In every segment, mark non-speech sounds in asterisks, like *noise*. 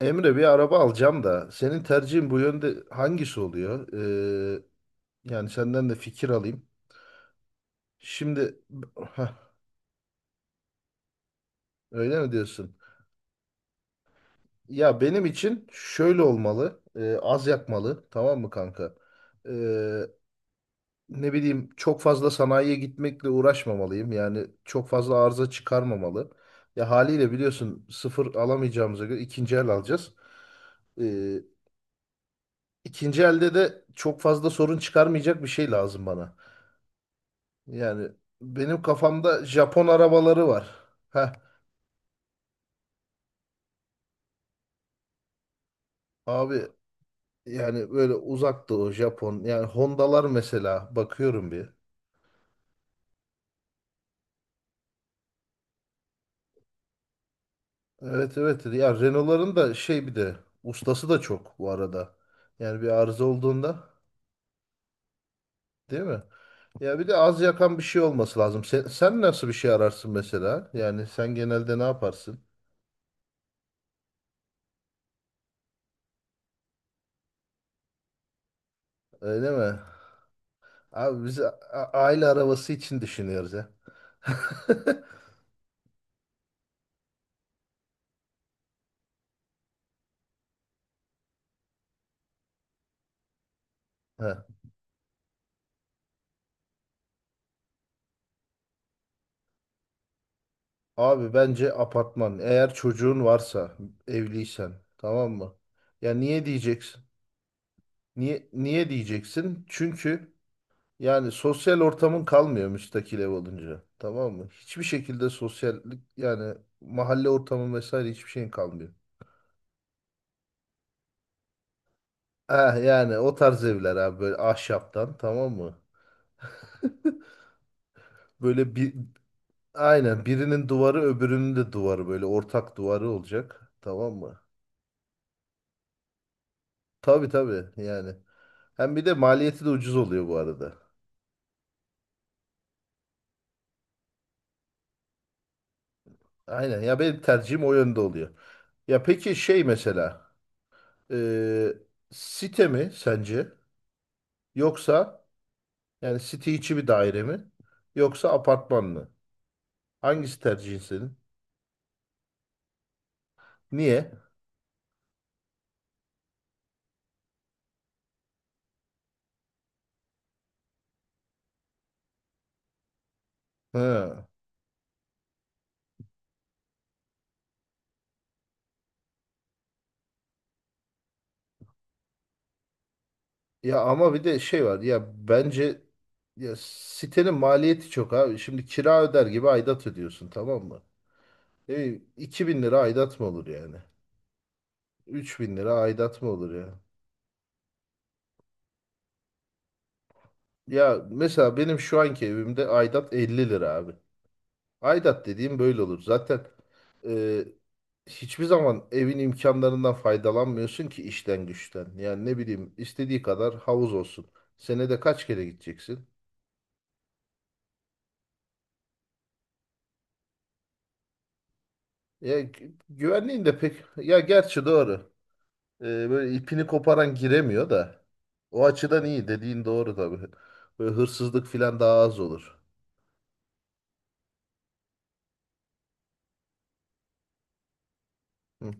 Emre bir araba alacağım da senin tercihin bu yönde hangisi oluyor? Ee, Yani senden de fikir alayım. Şimdi. Hah, Öyle mi diyorsun? Ya benim için şöyle olmalı. Az yakmalı, tamam mı kanka? Ee, Ne bileyim, çok fazla sanayiye gitmekle uğraşmamalıyım. Yani çok fazla arıza çıkarmamalı. Ya haliyle biliyorsun, sıfır alamayacağımıza göre ikinci el alacağız. Ee, ikinci elde de çok fazla sorun çıkarmayacak bir şey lazım bana. Yani benim kafamda Japon arabaları var. Heh, Abi yani böyle uzaktı o Japon. Yani Honda'lar mesela bakıyorum bir. Evet evet, ya Renault'ların da şey, bir de ustası da çok bu arada. Yani bir arıza olduğunda, değil mi? Ya bir de az yakan bir şey olması lazım. Sen nasıl bir şey ararsın mesela? Yani sen genelde ne yaparsın? Öyle mi? Abi biz aile arabası için düşünüyoruz ya. *laughs* Heh. Abi bence apartman. Eğer çocuğun varsa, evliysen, tamam mı? Ya niye diyeceksin? Niye diyeceksin? Çünkü yani sosyal ortamın kalmıyor müstakil ev olunca. Tamam mı? Hiçbir şekilde sosyallik, yani mahalle ortamı vesaire, hiçbir şeyin kalmıyor. Ah yani o tarz evler abi, böyle ahşaptan, tamam mı? *laughs* Böyle bir, aynen, birinin duvarı öbürünün de duvarı, böyle ortak duvarı olacak. Tamam mı? Tabii tabii yani. Hem bir de maliyeti de ucuz oluyor bu arada. Aynen, ya benim tercihim o yönde oluyor. Ya peki şey, mesela e, site mi sence, yoksa yani site içi bir daire mi, yoksa apartman mı? Hangisi tercihin senin? Niye? Ha. Ya ama bir de şey var ya, bence ya sitenin maliyeti çok abi. Şimdi kira öder gibi aidat ödüyorsun, tamam mı? Ne bileyim, 2000 lira aidat mı olur yani? 3000 lira aidat mı olur ya? Ya mesela benim şu anki evimde aidat 50 lira abi. Aidat dediğim böyle olur. Zaten e, hiçbir zaman evin imkanlarından faydalanmıyorsun ki, işten güçten. Yani ne bileyim, istediği kadar havuz olsun. Senede kaç kere gideceksin? Ya güvenliğin de pek, ya gerçi doğru. Böyle ipini koparan giremiyor da. O açıdan iyi dediğin doğru tabii. Böyle hırsızlık falan daha az olur. Hı.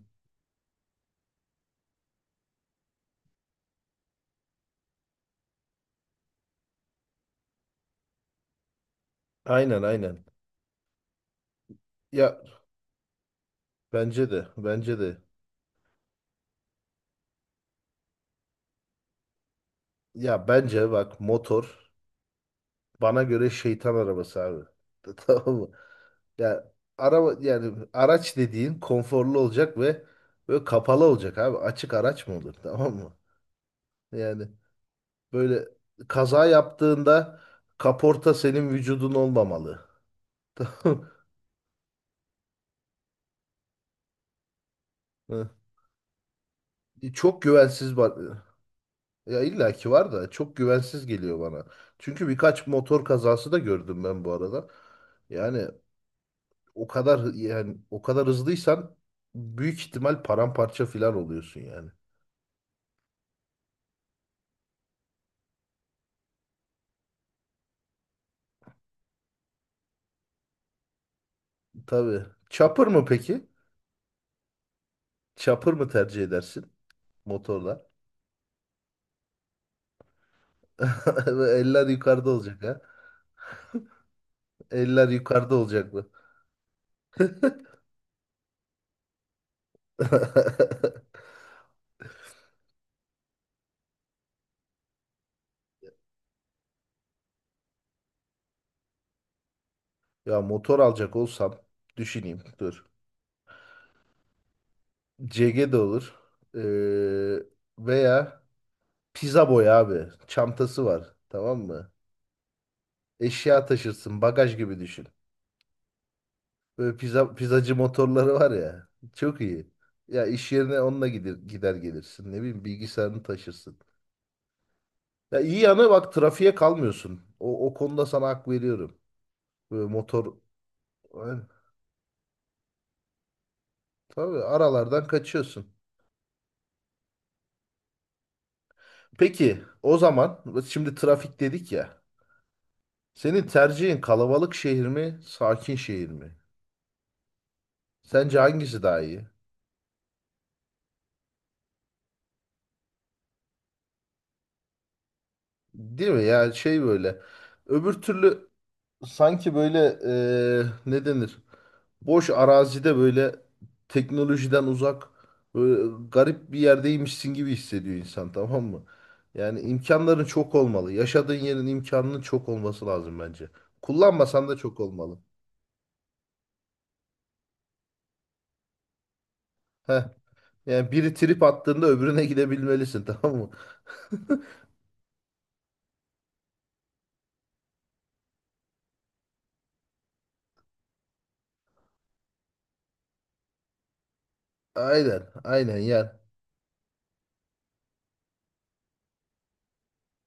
Aynen aynen. Ya bence de. Ya bence bak, motor bana göre şeytan arabası abi. *laughs* Tamam mı? Ya araba, yani araç dediğin konforlu olacak ve böyle kapalı olacak abi. Açık araç mı olur? *laughs* Tamam mı? Yani böyle kaza yaptığında kaporta senin vücudun olmamalı. *laughs* Tamam mı? Çok güvensiz bak. Ya illaki var da çok güvensiz geliyor bana. Çünkü birkaç motor kazası da gördüm ben bu arada. Yani o kadar yani o kadar hızlıysan büyük ihtimal paramparça filan oluyorsun yani. Tabii. Chopper mı peki? Chopper mı tercih edersin motorla? *laughs* Eller yukarıda olacak ha. Eller yukarıda olacak mı? *laughs* Ya motor alacak olsam düşüneyim dur. CG de olur. Ee, Veya pizza boy abi. Çantası var. Tamam mı? Eşya taşırsın. Bagaj gibi düşün. Böyle pizza, pizzacı motorları var ya. Çok iyi. Ya iş yerine onunla gider, gelirsin. Ne bileyim, bilgisayarını taşırsın. Ya iyi yanı bak, trafiğe kalmıyorsun. O konuda sana hak veriyorum. Böyle motor yani, tabii aralardan kaçıyorsun. Peki o zaman, şimdi trafik dedik ya. Senin tercihin kalabalık şehir mi, sakin şehir mi? Sence hangisi daha iyi? Değil mi? Yani şey, böyle. Öbür türlü sanki böyle ne denir? Boş arazide, böyle teknolojiden uzak, böyle garip bir yerdeymişsin gibi hissediyor insan, tamam mı? Yani imkanların çok olmalı. Yaşadığın yerin imkanının çok olması lazım bence. Kullanmasan da çok olmalı. Heh. Yani biri trip attığında öbürüne *laughs* gidebilmelisin, tamam mı? Aynen aynen yani.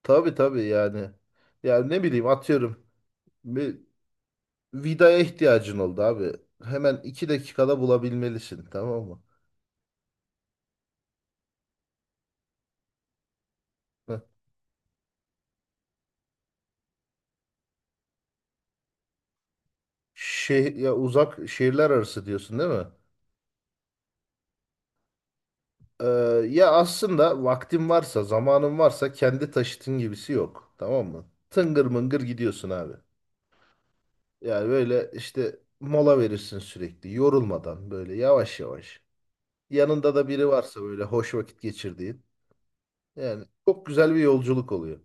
Tabii tabii yani. Ya ne bileyim, atıyorum. Bir vidaya ihtiyacın oldu abi. Hemen 2 dakikada bulabilmelisin, tamam mı? Ya uzak şehirler arası diyorsun, değil mi? Ee, Ya aslında vaktin varsa, zamanın varsa, kendi taşıtın gibisi yok. Tamam mı? Tıngır mıngır gidiyorsun abi. Yani böyle işte mola verirsin sürekli, yorulmadan, böyle yavaş yavaş. Yanında da biri varsa, böyle hoş vakit geçirdiğin. Yani çok güzel bir yolculuk oluyor.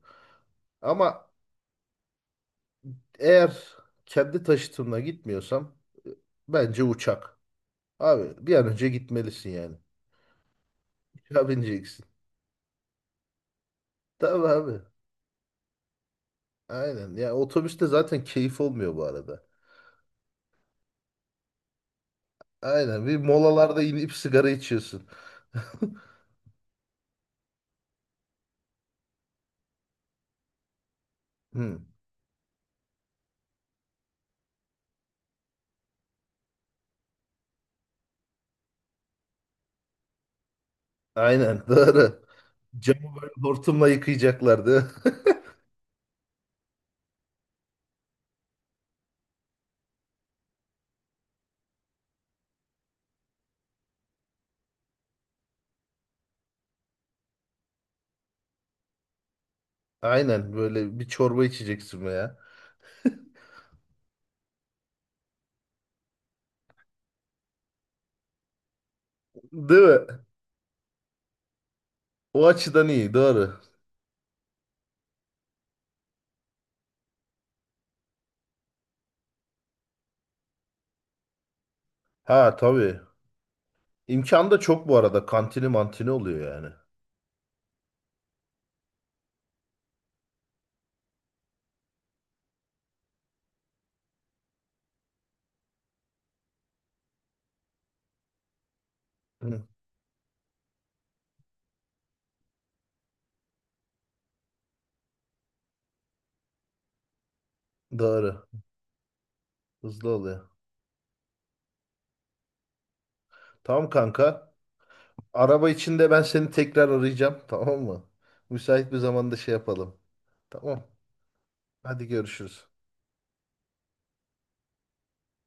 Ama eğer kendi taşıtımla gitmiyorsam e, bence uçak. Abi bir an önce gitmelisin yani. Uçağa bineceksin. Tamam abi. Aynen. Ya otobüste zaten keyif olmuyor bu arada. Aynen. Bir molalarda inip sigara içiyorsun. *laughs* Hı. Aynen. Doğru. Camı böyle hortumla yıkayacaklardı. *laughs* Aynen. Böyle bir çorba içeceksin ya. Değil mi? O açıdan iyi. Doğru. Ha tabii. İmkan da çok bu arada. Kantini mantini oluyor yani. Hı. Doğru. Hızlı oluyor. Tamam kanka. Araba içinde ben seni tekrar arayacağım. *laughs* Tamam mı? Müsait bir zamanda şey yapalım. Tamam. Hadi görüşürüz.